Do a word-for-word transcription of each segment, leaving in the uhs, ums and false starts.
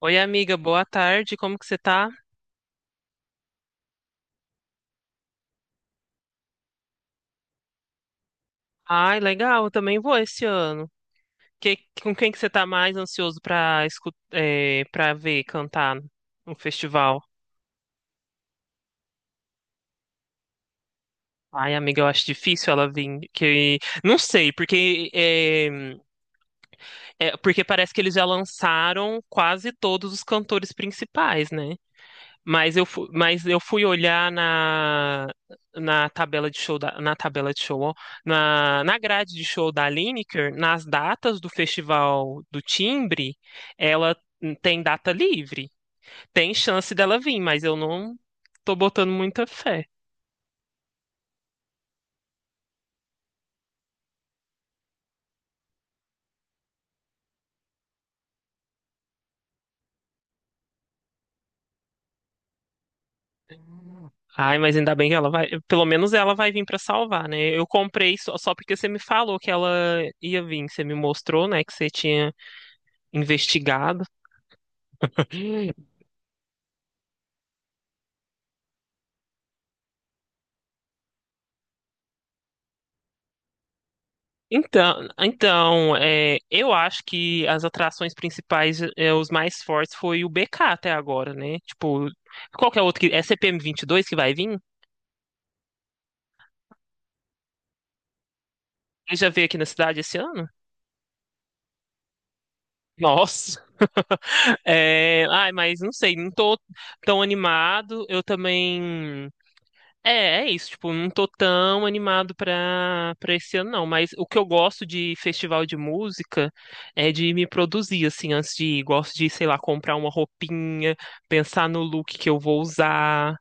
Oi, amiga, boa tarde. Como que você tá? Ai, legal, eu também vou esse ano. Que- com quem que você tá mais ansioso pra escutar, para ver cantar no festival? Ai, amiga, eu acho difícil ela vir. Que não sei, porque é, é, porque parece que eles já lançaram quase todos os cantores principais, né? Mas eu, fu- mas eu fui olhar na, na tabela de show da, na tabela de show, ó, na, na grade de show da Lineker, nas datas do Festival do Timbre, ela tem data livre. Tem chance dela vir, mas eu não tô botando muita fé. Ai, mas ainda bem que ela vai, pelo menos ela vai vir pra salvar, né? Eu comprei só, só porque você me falou que ela ia vir, você me mostrou, né, que você tinha investigado. Então, então é, eu acho que as atrações principais, é, os mais fortes, foi o B K até agora, né? Tipo, qual que é o outro que. É C P M vinte e dois que vai vir? Ele já veio aqui na cidade esse ano? Nossa! É, ai, mas não sei, não tô tão animado. Eu também. É, é isso, tipo, não tô tão animado pra, pra esse ano, não. Mas o que eu gosto de festival de música é de me produzir, assim, antes de ir. Gosto de, sei lá, comprar uma roupinha, pensar no look que eu vou usar.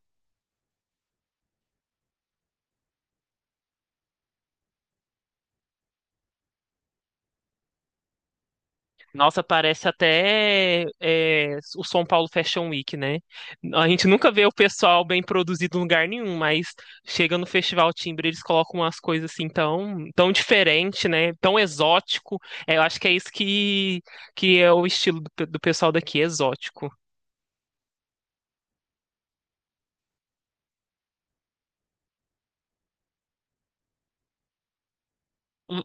Nossa, parece até é, o São Paulo Fashion Week, né? A gente nunca vê o pessoal bem produzido em lugar nenhum, mas chega no Festival Timbre, eles colocam umas coisas assim tão, tão diferente, né? Tão exótico. É, eu acho que é isso que, que é o estilo do, pe- do pessoal daqui, exótico.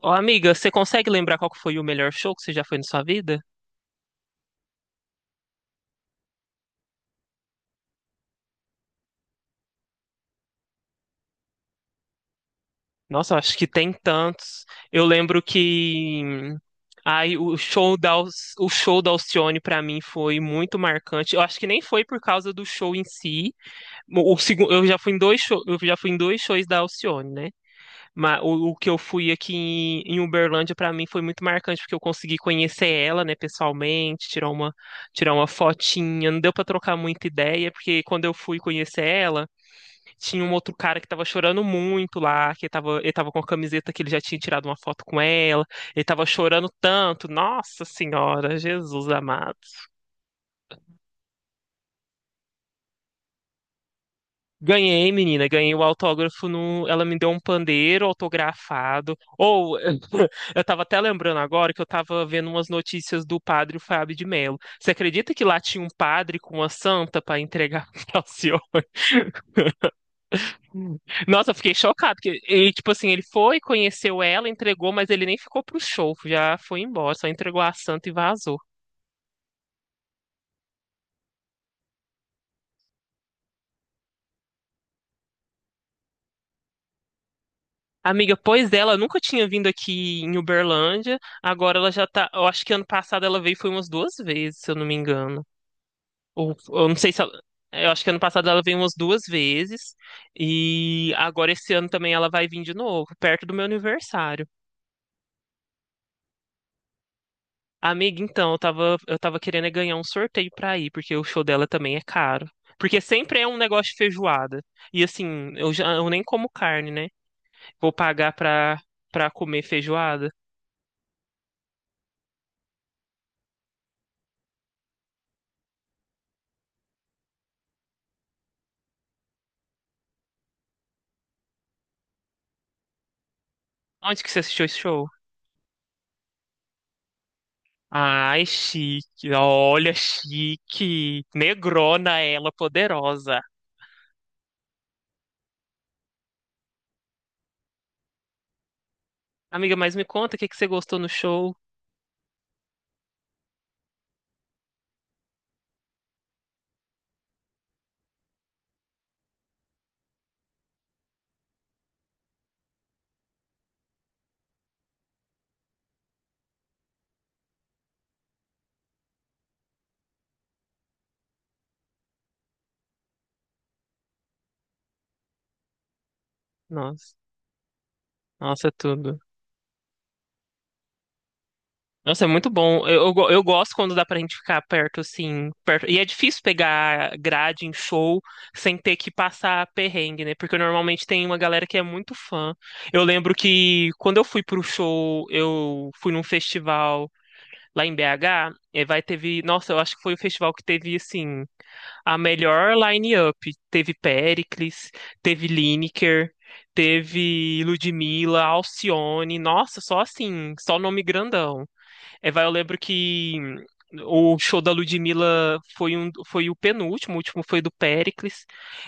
Ô, amiga, você consegue lembrar qual que foi o melhor show que você já foi na sua vida? Nossa, eu acho que tem tantos. Eu lembro que ai, o show da, Al- o show da Alcione para mim foi muito marcante. Eu acho que nem foi por causa do show em si. O, o, segu- eu já fui em dois show, eu já fui em dois shows da Alcione, né? Mas o, o que eu fui aqui em, em Uberlândia para mim foi muito marcante, porque eu consegui conhecer ela, né, pessoalmente, tirar uma, tirar uma fotinha. Não deu para trocar muita ideia, porque quando eu fui conhecer ela, tinha um outro cara que tava chorando muito lá, que tava, ele tava com a camiseta que ele já tinha tirado uma foto com ela, ele tava chorando tanto. Nossa Senhora, Jesus amado. Ganhei, menina, ganhei o autógrafo no. Ela me deu um pandeiro autografado. Ou eu tava até lembrando agora que eu tava vendo umas notícias do padre Fábio de Mello. Você acredita que lá tinha um padre com uma santa pra entregar pra senhor? Nossa, eu fiquei chocado. Porque, e, tipo assim, ele foi, conheceu ela, entregou, mas ele nem ficou pro show, já foi embora, só entregou a santa e vazou. Amiga, pois é, ela nunca tinha vindo aqui em Uberlândia, agora ela já tá. Eu acho que ano passado ela veio foi umas duas vezes, se eu não me engano. Ou eu não sei se ela. Eu acho que ano passado ela veio umas duas vezes, e agora esse ano também ela vai vir de novo, perto do meu aniversário. Amiga, então, eu tava, eu tava querendo é ganhar um sorteio pra ir, porque o show dela também é caro. Porque sempre é um negócio de feijoada. E assim, eu já eu nem como carne, né? Vou pagar pra, pra comer feijoada. Onde que você assistiu esse show? Ai, chique. Olha, chique. Negrona ela, poderosa. Amiga, mas me conta o que que você gostou no show? Nossa, nossa, tudo. Nossa, é muito bom. Eu, eu, go- eu gosto quando dá pra gente ficar perto, assim, perto. E é difícil pegar grade em show sem ter que passar perrengue, né? Porque normalmente tem uma galera que é muito fã. Eu lembro que quando eu fui pro show, eu fui num festival lá em B H, e vai teve, nossa, eu acho que foi o festival que teve assim a melhor line-up. Teve Péricles, teve Lineker, teve Ludmilla, Alcione. Nossa, só assim, só nome grandão. É, vai, eu lembro que o show da Ludmilla foi, um, foi o penúltimo, o último foi do Péricles.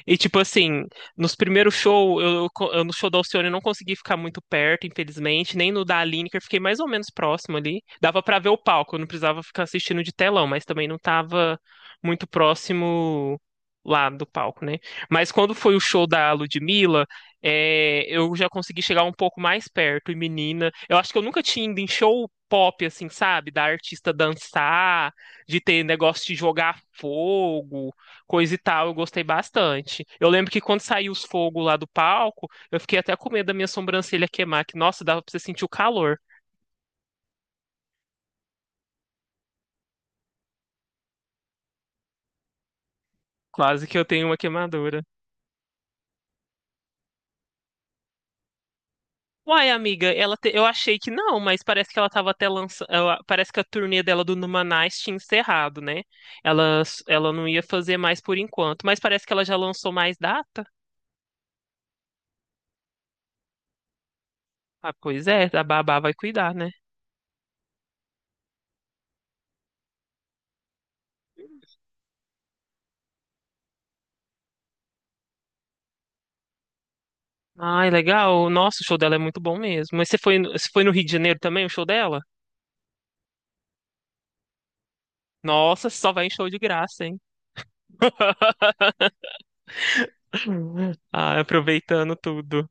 E, tipo assim, nos primeiros shows, eu, eu co- eu no show da Alcione eu não consegui ficar muito perto, infelizmente, nem no da Aline, que eu fiquei mais ou menos próximo ali. Dava pra ver o palco, eu não precisava ficar assistindo de telão, mas também não tava muito próximo lá do palco, né? Mas quando foi o show da Ludmilla, é, eu já consegui chegar um pouco mais perto. E menina, eu acho que eu nunca tinha ido em show pop, assim, sabe? Da artista dançar, de ter negócio de jogar fogo, coisa e tal. Eu gostei bastante. Eu lembro que quando saiu os fogos lá do palco, eu fiquei até com medo da minha sobrancelha queimar, que, nossa, dava pra você sentir o calor. Quase que eu tenho uma queimadura. Uai, amiga, ela te- eu achei que não, mas parece que ela tava até lançando. Parece que a turnê dela do Numanais tinha encerrado, né? Ela, ela não ia fazer mais por enquanto, mas parece que ela já lançou mais data. Ah, pois é, a babá vai cuidar, né? Ai, legal. Nossa, o show dela é muito bom mesmo. Mas você foi, no- você foi no Rio de Janeiro também, o show dela? Nossa, só vai em show de graça, hein? Ah, aproveitando tudo.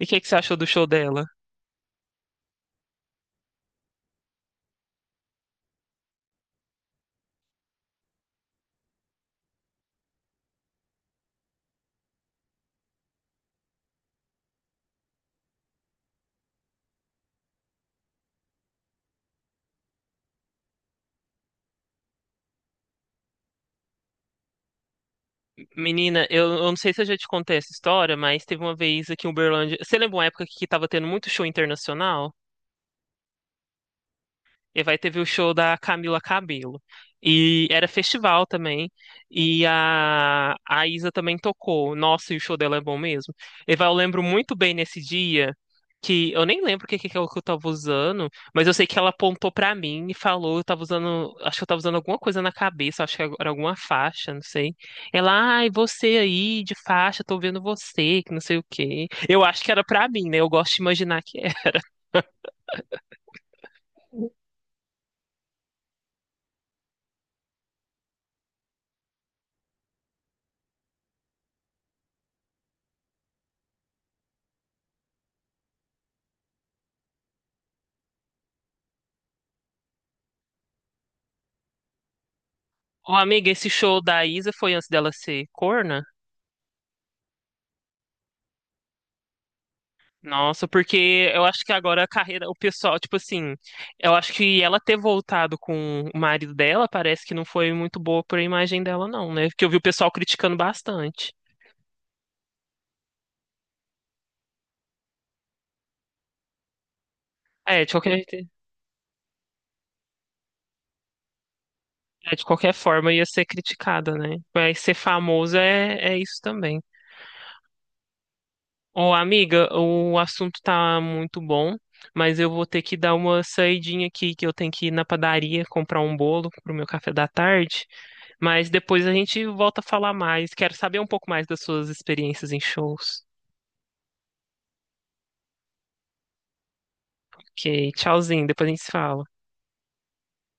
E o que é que você achou do show dela? Menina, eu, eu não sei se eu já te contei essa história, mas teve uma vez aqui em Uberlândia. Você lembra uma época que tava tendo muito show internacional? E vai teve o show da Camila Cabello. E era festival também. E a, a Isa também tocou. Nossa, e o show dela é bom mesmo. E vai, eu lembro muito bem nesse dia que eu nem lembro o que, que, que eu tava usando, mas eu sei que ela apontou pra mim e falou, eu tava usando, acho que eu tava usando alguma coisa na cabeça, acho que era alguma faixa, não sei. Ela, ai, você aí de faixa, tô vendo você, que não sei o quê. Eu acho que era pra mim, né? Eu gosto de imaginar que é. Ô, amiga, esse show da Isa foi antes dela ser corna? Nossa, porque eu acho que agora a carreira, o pessoal, tipo assim, eu acho que ela ter voltado com o marido dela parece que não foi muito boa pra imagem dela, não, né? Porque eu vi o pessoal criticando bastante. É, de qualquer, é, de qualquer forma ia ser criticada, né? Mas ser famosa é, é isso também. Ô, amiga, o assunto tá muito bom, mas eu vou ter que dar uma saidinha aqui, que eu tenho que ir na padaria comprar um bolo pro meu café da tarde. Mas depois a gente volta a falar mais. Quero saber um pouco mais das suas experiências em shows. Ok, tchauzinho, depois a gente se fala.